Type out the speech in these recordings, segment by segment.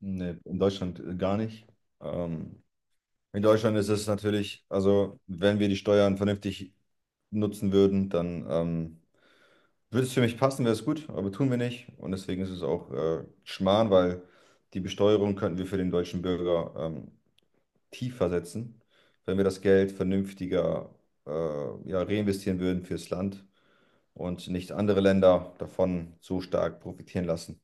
Nee, in Deutschland gar nicht. Ähm, in Deutschland ist es natürlich, also wenn wir die Steuern vernünftig nutzen würden, dann würde es für mich passen, wäre es gut, aber tun wir nicht. Und deswegen ist es auch Schmarrn, weil die Besteuerung könnten wir für den deutschen Bürger tiefer setzen, wenn wir das Geld vernünftiger äh, ja, reinvestieren würden fürs Land und nicht andere Länder davon so stark profitieren lassen.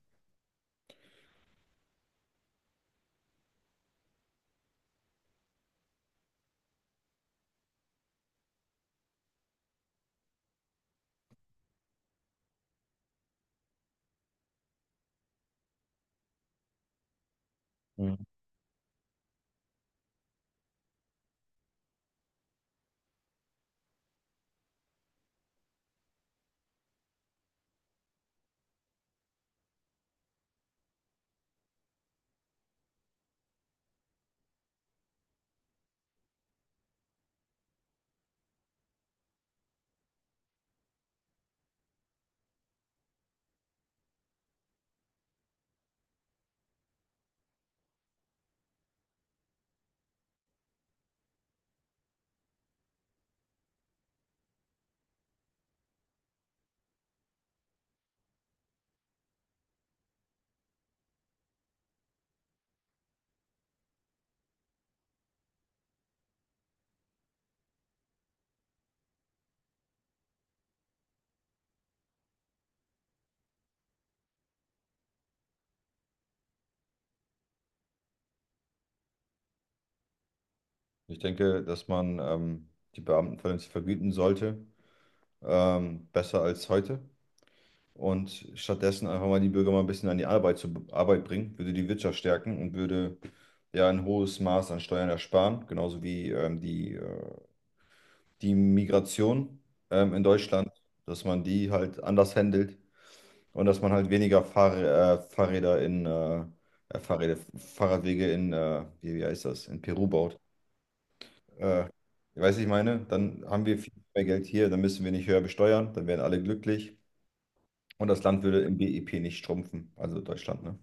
Ich denke, dass man die Beamten vernünftig vergüten sollte, besser als heute. Und stattdessen einfach mal die Bürger mal ein bisschen an die Arbeit bringen, würde die Wirtschaft stärken und würde ja ein hohes Maß an Steuern ersparen, genauso wie die Migration in Deutschland, dass man die halt anders handelt und dass man halt weniger Fahrradwege in wie, wie heißt das, in Peru baut. Äh, weißt ich meine, dann haben wir viel mehr Geld hier, dann müssen wir nicht höher besteuern, dann wären alle glücklich und das Land würde im BIP nicht schrumpfen, also Deutschland, ne?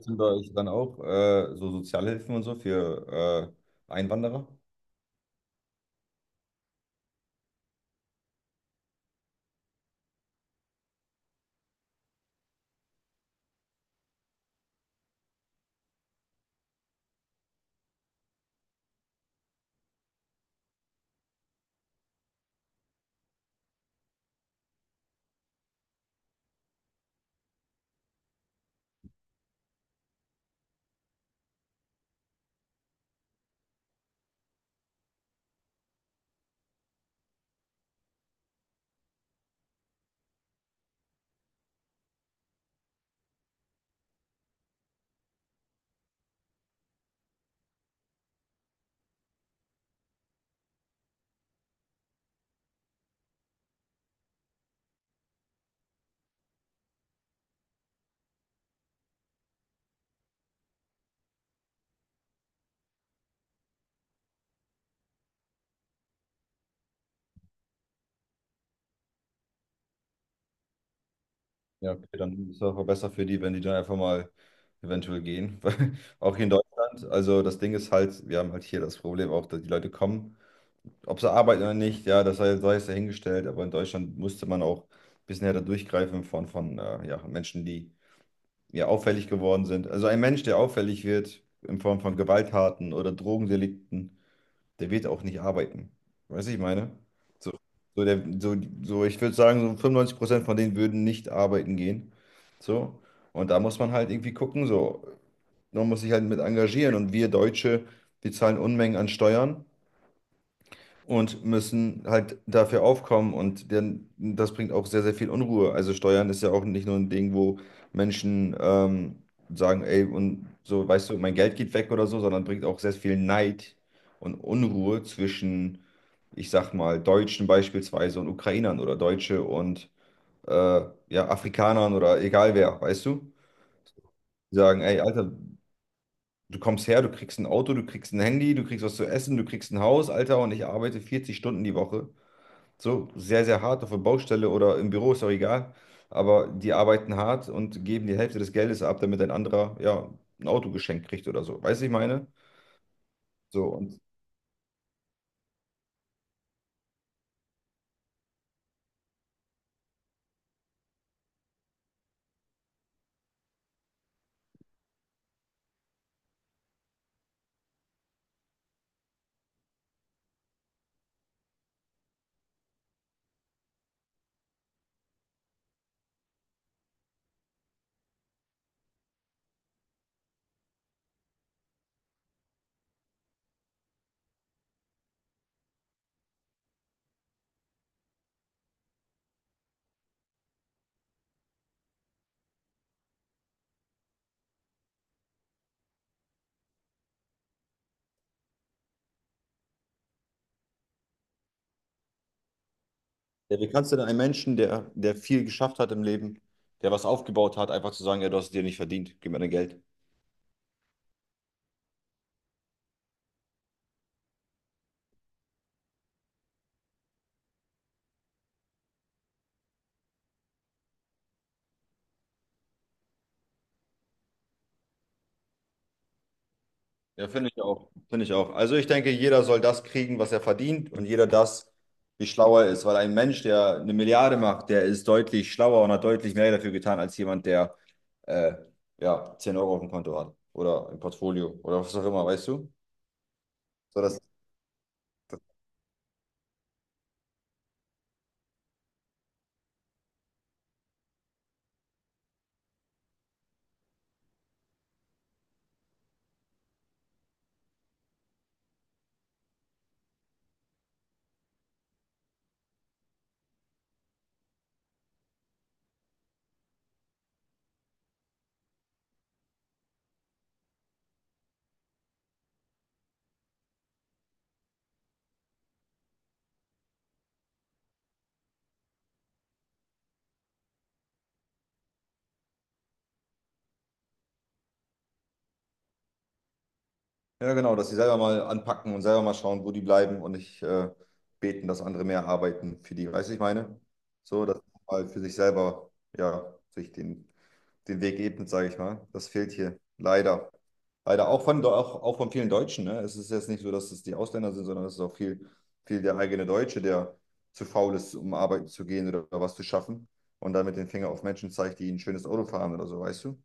Sind bei euch dann auch so Sozialhilfen und so für Einwanderer? Ja, okay, dann ist es auch besser für die, wenn die dann einfach mal eventuell gehen. Weil auch hier in Deutschland, also das Ding ist halt, wir haben halt hier das Problem auch, dass die Leute kommen, ob sie arbeiten oder nicht, ja, das sei es dahingestellt, aber in Deutschland musste man auch ein bisschen härter durchgreifen von ja, Menschen, die ja, auffällig geworden sind. Also ein Mensch, der auffällig wird in Form von Gewalttaten oder Drogendelikten, der wird auch nicht arbeiten. Weißt du, ich meine? So, so, der, so, ich würde sagen, so 95% von denen würden nicht arbeiten gehen. So. Und da muss man halt irgendwie gucken, so. Man muss sich halt mit engagieren. Und wir Deutsche, wir zahlen Unmengen an Steuern und müssen halt dafür aufkommen und denn das bringt auch sehr, sehr viel Unruhe. Also Steuern ist ja auch nicht nur ein Ding, wo Menschen sagen, ey, und so, weißt du, mein Geld geht weg oder so, sondern bringt auch sehr viel Neid und Unruhe zwischen, ich sag mal, Deutschen beispielsweise und Ukrainern oder Deutsche und äh, ja, Afrikanern oder egal wer, weißt du? Die sagen, ey, Alter, du kommst her, du kriegst ein Auto, du kriegst ein Handy, du kriegst was zu essen, du kriegst ein Haus, Alter, und ich arbeite 40 Stunden die Woche so sehr, sehr hart auf der Baustelle oder im Büro, ist auch egal. Aber die arbeiten hart und geben die Hälfte des Geldes ab, damit ein anderer ja ein Auto geschenkt kriegt oder so. Weißt du, was ich meine? So, und ja, wie kannst du denn einem Menschen, der viel geschafft hat im Leben, der was aufgebaut hat, einfach zu sagen, ja, du hast es dir nicht verdient, gib mir dein Geld. Ja, finde ich auch. Finde ich auch. Also ich denke, jeder soll das kriegen, was er verdient und jeder das, wie schlau er ist. Weil ein Mensch, der eine Milliarde macht, der ist deutlich schlauer und hat deutlich mehr dafür getan, als jemand, der äh, ja, 10 Euro auf dem Konto hat oder im Portfolio oder was auch immer, weißt du? So, das. Ja, genau, dass sie selber mal anpacken und selber mal schauen, wo die bleiben und nicht beten, dass andere mehr arbeiten für die. Weißt du, ich meine? So, dass man mal für sich selber, ja, sich den, den Weg ebnet, sage ich mal. Das fehlt hier leider. Leider auch auch von vielen Deutschen. Ne? Es ist jetzt nicht so, dass es die Ausländer sind, sondern es ist auch viel der eigene Deutsche, der zu faul ist, um arbeiten zu gehen oder was zu schaffen und dann mit dem Finger auf Menschen zeigt, die ein schönes Auto fahren oder so, weißt du?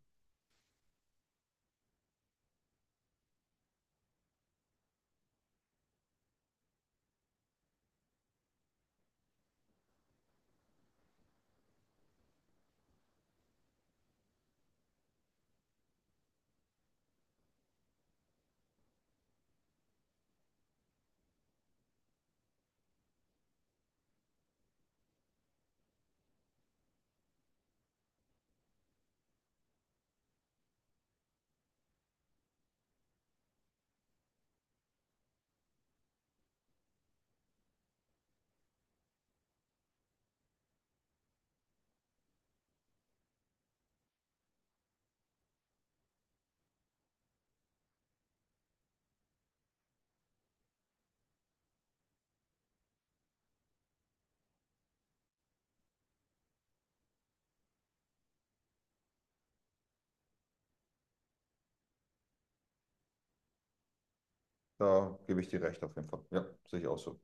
Da gebe ich dir recht auf jeden Fall. Ja, sehe ich auch so.